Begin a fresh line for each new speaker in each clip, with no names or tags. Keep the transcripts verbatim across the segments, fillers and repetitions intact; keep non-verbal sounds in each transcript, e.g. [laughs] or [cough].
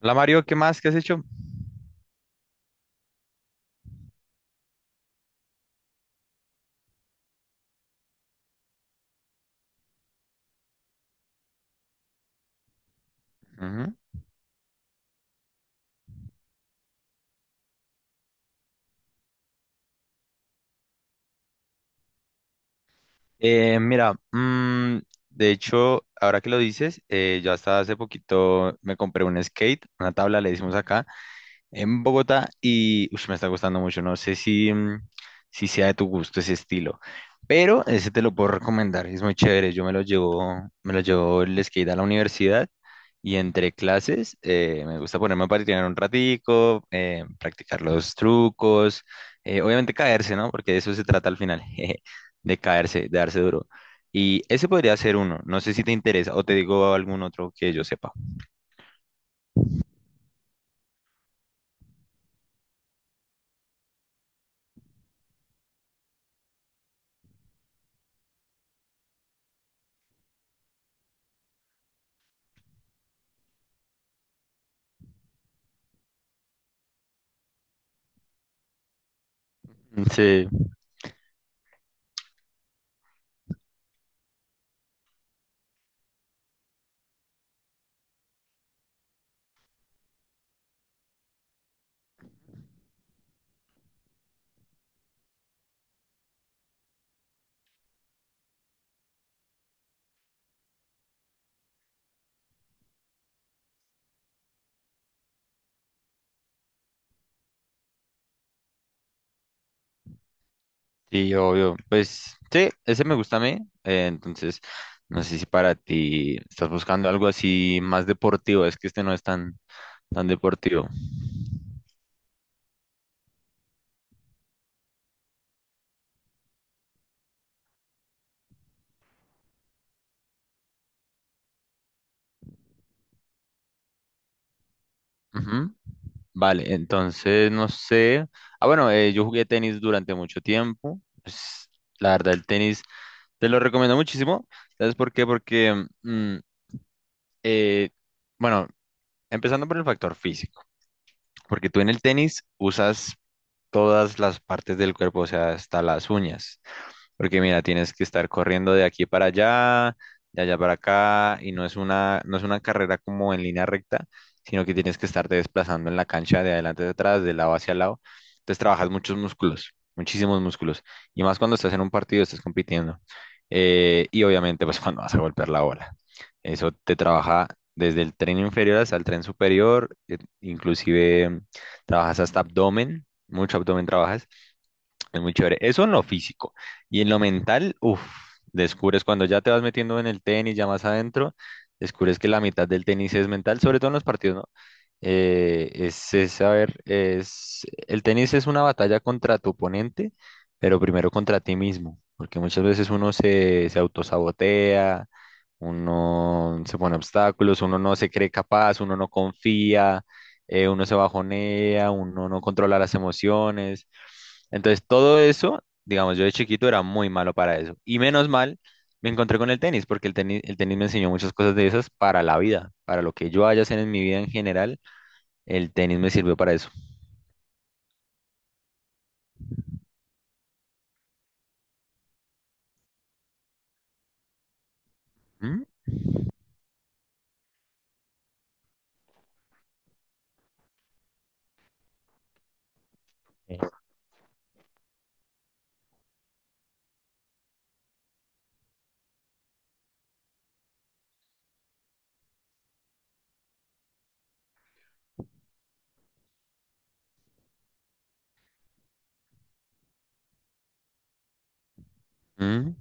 La Mario, ¿qué más? ¿Qué has hecho? Ujú. Eh, mira, mm, de hecho, ahora que lo dices, eh, yo hasta hace poquito me compré un skate, una tabla, le decimos acá, en Bogotá y ush, me está gustando mucho. No sé si, mm, si sea de tu gusto ese estilo, pero ese te lo puedo recomendar. Es muy chévere. Yo me lo llevo, me lo llevo el skate a la universidad y entre clases eh, me gusta ponerme a patinar un ratico, eh, practicar los trucos, eh, obviamente caerse, ¿no? Porque de eso se trata al final, [laughs] jeje, de caerse, de darse duro. Y ese podría ser uno. No sé si te interesa o te digo algún otro que yo sepa. Sí. Sí, obvio. Pues sí, ese me gusta a mí. Eh, entonces, no sé si para ti estás buscando algo así más deportivo. Es que este no es tan, tan deportivo. Ujú. Vale, entonces no sé. Ah, bueno, eh, yo jugué tenis durante mucho tiempo. Pues, la verdad, el tenis te lo recomiendo muchísimo. ¿Sabes por qué? Porque, mm, eh, bueno, empezando por el factor físico. Porque tú en el tenis usas todas las partes del cuerpo, o sea, hasta las uñas. Porque mira, tienes que estar corriendo de aquí para allá, de allá para acá, y no es una, no es una carrera como en línea recta, sino que tienes que estarte desplazando en la cancha de adelante hacia atrás, de lado hacia lado. Entonces trabajas muchos músculos, muchísimos músculos. Y más cuando estás en un partido, estás compitiendo. Eh, y obviamente, pues [laughs] cuando vas a golpear la bola. Eso te trabaja desde el tren inferior hasta el tren superior, eh, inclusive trabajas hasta abdomen, mucho abdomen trabajas. Es muy chévere. Eso en lo físico. Y en lo mental, uff, descubres cuando ya te vas metiendo en el tenis, ya más adentro, descubres que la mitad del tenis es mental, sobre todo en los partidos, ¿no? Eh, es, es saber, es, el tenis es una batalla contra tu oponente, pero primero contra ti mismo, porque muchas veces uno se, se autosabotea, uno se pone obstáculos, uno no se cree capaz, uno no confía, eh, uno se bajonea, uno no controla las emociones. Entonces, todo eso, digamos, yo de chiquito era muy malo para eso. Y menos mal, me encontré con el tenis, porque el tenis, el tenis me enseñó muchas cosas de esas para la vida, para lo que yo vaya a hacer en mi vida en general, el tenis me sirvió para eso. ¿Mm? Sí. ¿Mm?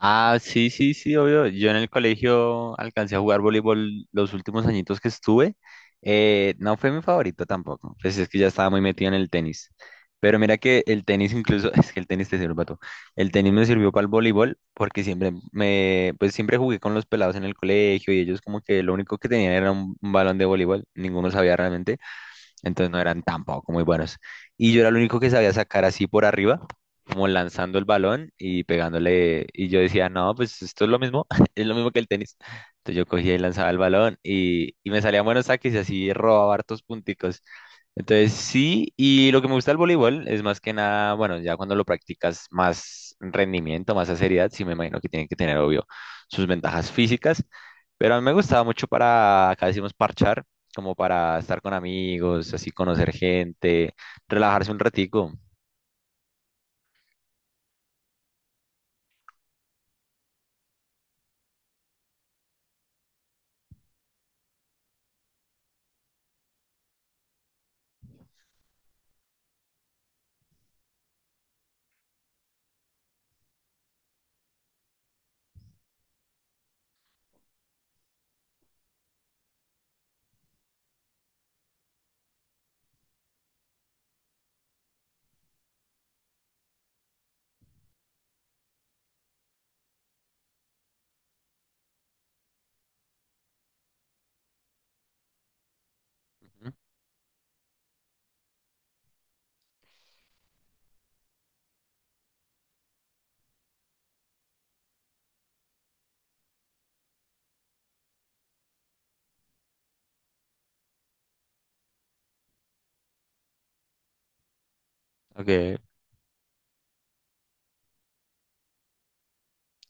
Ah, sí, sí, sí, obvio. Yo en el colegio alcancé a jugar voleibol los últimos añitos que estuve. Eh, no fue mi favorito tampoco, pues es que ya estaba muy metido en el tenis. Pero mira que el tenis incluso, [laughs] es que el tenis te sirve para todo. El tenis me sirvió para el voleibol porque siempre me, pues siempre jugué con los pelados en el colegio y ellos como que lo único que tenían era un, un balón de voleibol, ninguno sabía realmente. Entonces no eran tampoco muy buenos. Y yo era el único que sabía sacar así por arriba, como lanzando el balón y pegándole. Y yo decía, no, pues esto es lo mismo, [laughs] es lo mismo que el tenis. Entonces yo cogía y lanzaba el balón y, y me salían buenos saques y así robaba hartos punticos. Entonces sí, y lo que me gusta del voleibol es más que nada, bueno, ya cuando lo practicas más rendimiento, más a seriedad, sí me imagino que tienen que tener, obvio, sus ventajas físicas, pero a mí me gustaba mucho para, acá decimos parchar, como para estar con amigos, así conocer gente, relajarse un ratico. Ujú. Okay.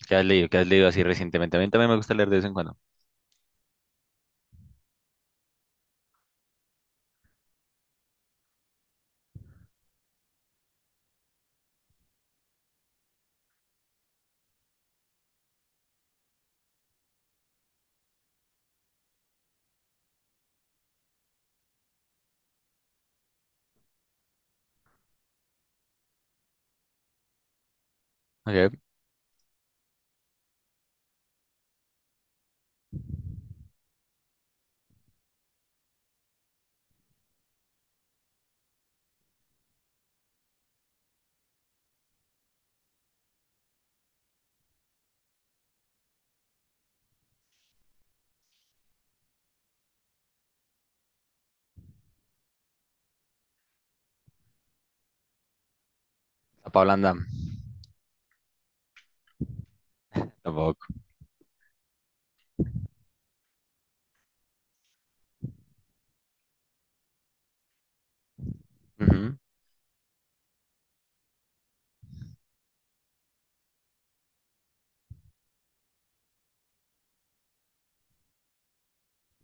¿Qué has leído? ¿Qué has leído así recientemente? A mí también me gusta leer de vez en cuando. Okay. A Pablo Andam. Tampoco. Ujú.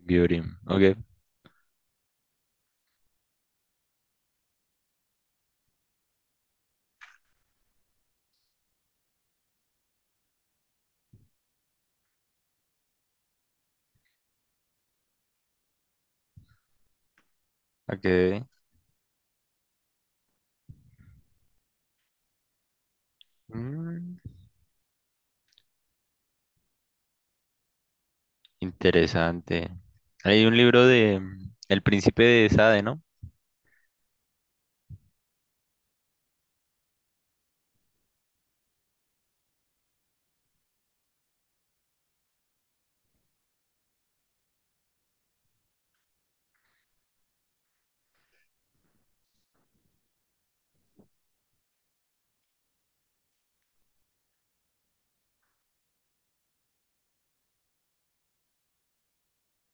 Beauty. Okay. Okay. Mm. Interesante. Hay un libro de mm, El Príncipe de Sade, ¿no?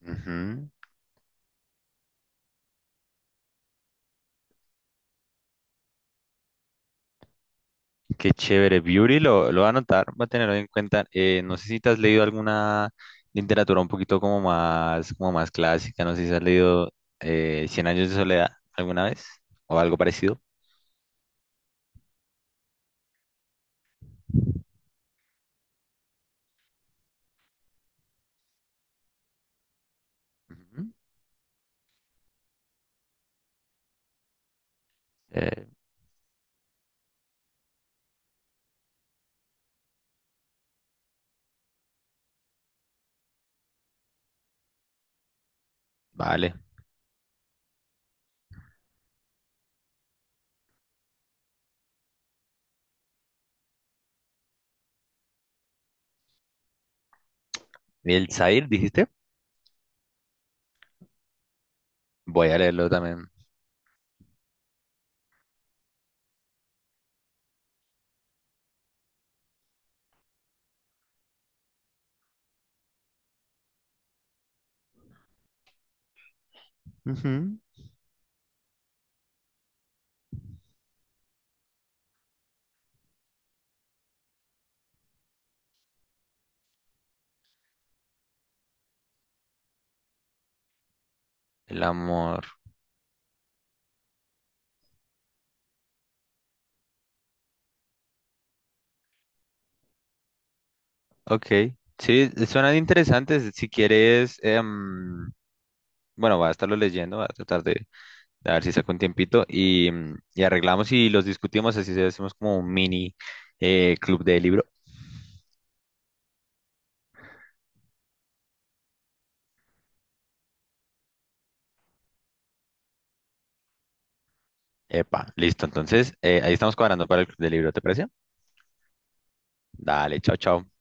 Ujú. Qué chévere. Beauty lo, lo va a anotar, va a tenerlo en cuenta. Eh, no sé si te has leído alguna literatura un poquito como más, como más clásica. No sé si has leído eh, Cien años de soledad alguna vez o algo parecido. Ujú. Eh, vale. El Zahir, dijiste. Voy a leerlo también. Ujú. El amor. Ok. Sí, suenan interesantes. Si quieres, em, bueno, voy a estarlo leyendo, voy a tratar de, de ver si saco un tiempito y, mm, y arreglamos y los discutimos, así se hacemos como un mini eh, club de libro. Epa, listo. Entonces, eh, ahí estamos cuadrando para el club de libro, ¿te parece? Dale, chao, chao.